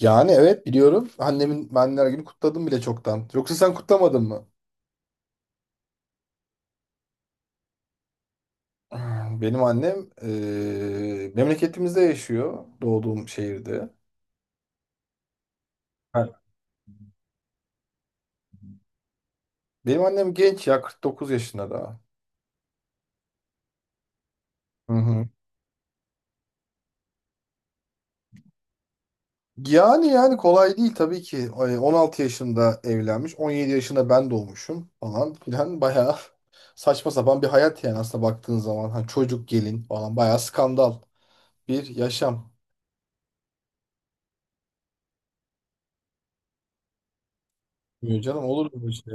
Yani evet biliyorum. Annemin anneler günü kutladım bile çoktan. Yoksa sen kutlamadın mı? Benim annem memleketimizde yaşıyor. Doğduğum şehirde. Ha. Benim annem genç ya 49 yaşında daha. Hı hı. Yani kolay değil tabii ki. Ay, 16 yaşında evlenmiş. 17 yaşında ben doğmuşum falan filan. Bayağı saçma sapan bir hayat yani aslında baktığın zaman. Hani çocuk gelin falan bayağı skandal bir yaşam. Yok canım olur mu böyle şey?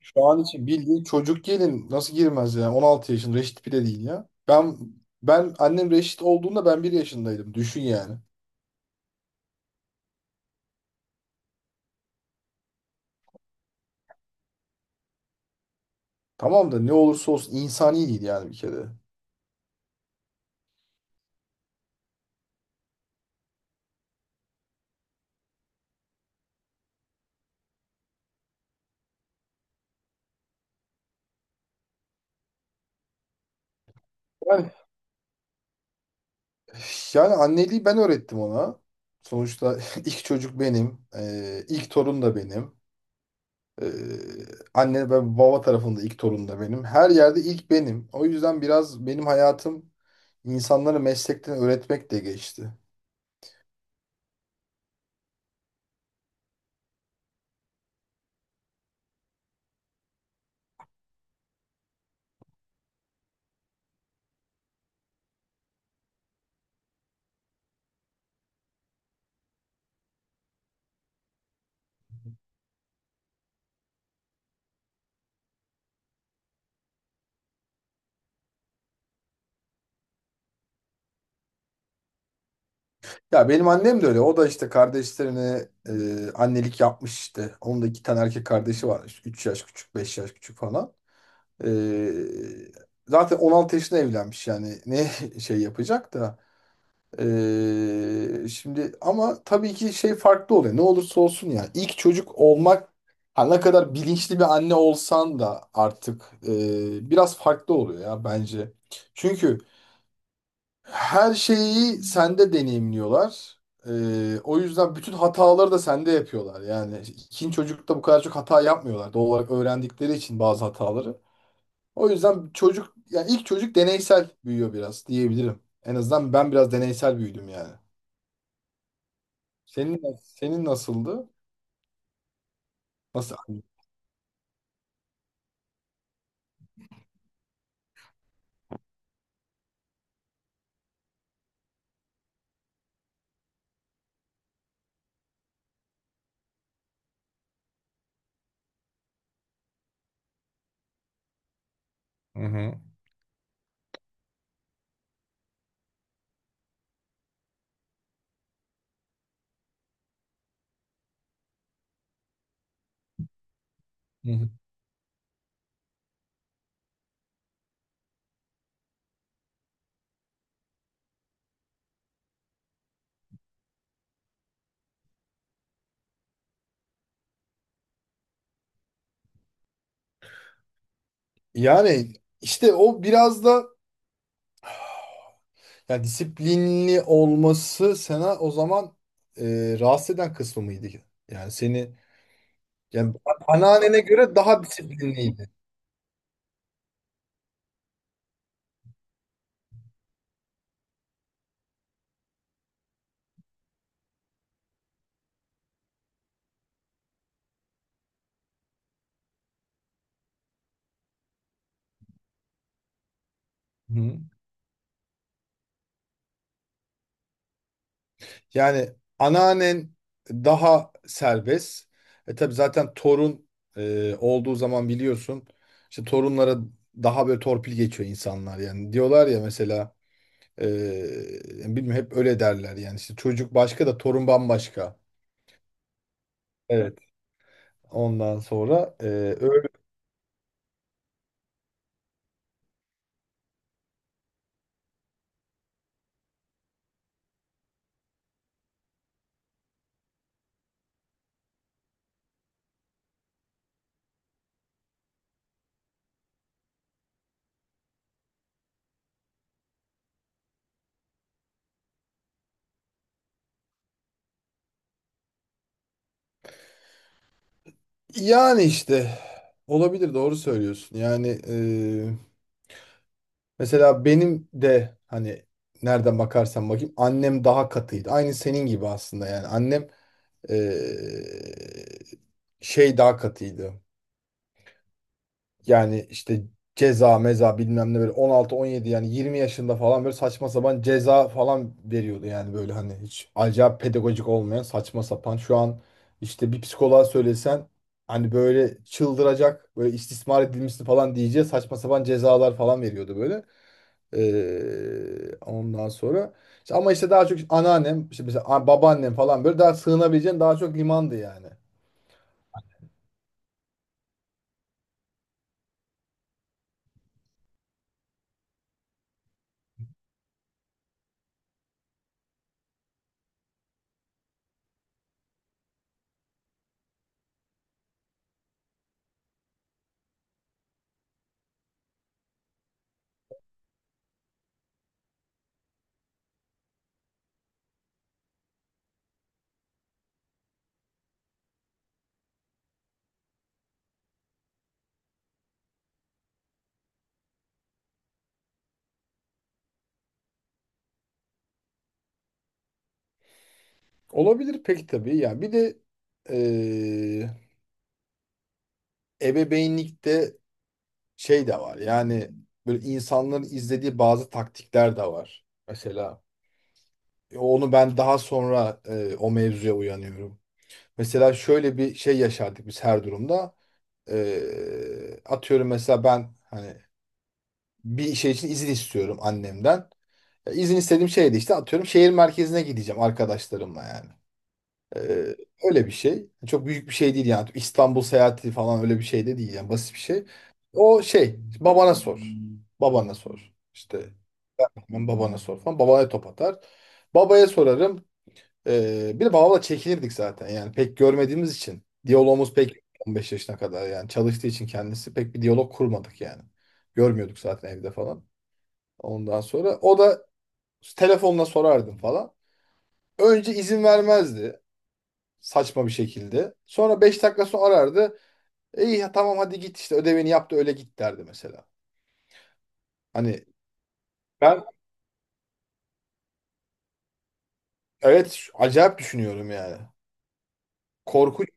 Şu an için bildiğin çocuk gelin nasıl girmez yani 16 yaşında reşit bile değil ya. Ben annem reşit olduğunda ben 1 yaşındaydım düşün yani. Tamam da ne olursa olsun insani değil yani bir kere. Yani, yani, anneliği ben öğrettim ona. Sonuçta ilk çocuk benim. İlk torun da benim. Ee, anne ve baba tarafında ilk torun da benim. Her yerde ilk benim. O yüzden biraz benim hayatım insanları meslekten öğretmekle geçti. Ya benim annem de öyle. O da işte kardeşlerine annelik yapmış işte. Onun da iki tane erkek kardeşi var. İşte 3 yaş küçük, 5 yaş küçük falan. E, zaten 16 yaşında evlenmiş yani. Ne şey yapacak da. Şimdi ama tabii ki şey farklı oluyor. Ne olursa olsun yani. İlk çocuk olmak ha, ne kadar bilinçli bir anne olsan da artık biraz farklı oluyor ya bence. Çünkü her şeyi sende deneyimliyorlar. O yüzden bütün hataları da sende yapıyorlar. Yani ikinci çocukta bu kadar çok hata yapmıyorlar. Doğal olarak öğrendikleri için bazı hataları. O yüzden çocuk, yani ilk çocuk deneysel büyüyor biraz diyebilirim. En azından ben biraz deneysel büyüdüm yani. Senin nasıldı? Nasıl? Hı hı. Yani işte o biraz da yani disiplinli olması sana o zaman rahatsız eden kısmı mıydı? Yani seni. Yani anneannene göre daha disiplinliydi. Hı. Yani anneannen daha serbest. Tabii zaten torun olduğu zaman biliyorsun işte torunlara daha böyle torpil geçiyor insanlar yani. Diyorlar ya mesela e, yani bilmiyorum hep öyle derler yani işte çocuk başka da torun bambaşka. Evet. Ondan sonra öyle. Yani işte olabilir doğru söylüyorsun. Yani mesela benim de hani nereden bakarsan bakayım annem daha katıydı. Aynı senin gibi aslında yani. Annem eee, şey daha katıydı. Yani işte ceza meza bilmem ne böyle 16-17 yani 20 yaşında falan böyle saçma sapan ceza falan veriyordu yani böyle hani hiç acayip pedagojik olmayan saçma sapan. Şu an işte bir psikoloğa söylesen hani böyle çıldıracak böyle istismar edilmişti falan diyeceği saçma sapan cezalar falan veriyordu böyle. Ondan sonra işte ama işte daha çok işte anneannem işte mesela babaannem falan böyle daha sığınabileceğin daha çok limandı yani. Olabilir peki tabii yani bir de ee, ebeveynlikte şey de var yani böyle insanların izlediği bazı taktikler de var. Mesela onu ben daha sonra o mevzuya uyanıyorum. Mesela şöyle bir şey yaşardık biz her durumda. Atıyorum mesela ben hani bir şey için izin istiyorum annemden. İzin istediğim şeydi işte atıyorum şehir merkezine gideceğim arkadaşlarımla yani. Ee, öyle bir şey. Çok büyük bir şey değil yani. İstanbul seyahati falan öyle bir şey de değil yani basit bir şey. O şey babana sor. Babana sor. İşte ben babana sor falan. Babaya top atar. Babaya sorarım. Bir de babamla çekinirdik zaten yani pek görmediğimiz için. Diyalogumuz pek 15 yaşına kadar yani çalıştığı için kendisi pek bir diyalog kurmadık yani. Görmüyorduk zaten evde falan. Ondan sonra o da telefonla sorardım falan. Önce izin vermezdi saçma bir şekilde. Sonra 5 dakika sonra arardı. İyi ya tamam hadi git işte ödevini yap da öyle git derdi mesela. Hani ben evet acayip düşünüyorum yani. Korkunç.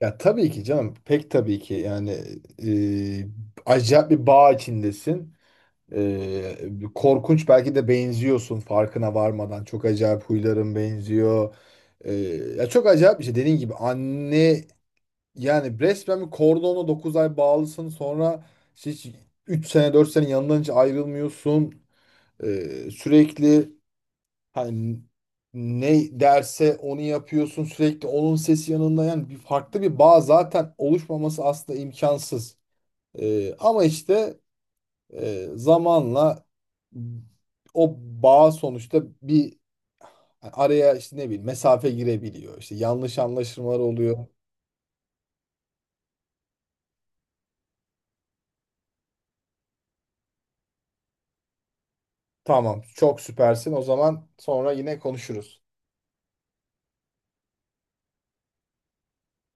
Ya tabii ki canım pek tabii ki yani e, acayip bir bağ içindesin. Korkunç belki de benziyorsun farkına varmadan. Çok acayip huyların benziyor. E, ya çok acayip bir şey. Dediğin gibi anne. Yani resmen bir kordona 9 ay bağlısın sonra işte hiç 3 sene 4 sene yanından hiç ayrılmıyorsun. Sürekli hani ne derse onu yapıyorsun sürekli onun sesi yanında yani bir farklı bir bağ zaten oluşmaması aslında imkansız. Ama işte zamanla o bağ sonuçta bir araya işte ne bileyim mesafe girebiliyor. İşte yanlış anlaşılmalar oluyor. Tamam. Çok süpersin. O zaman sonra yine konuşuruz.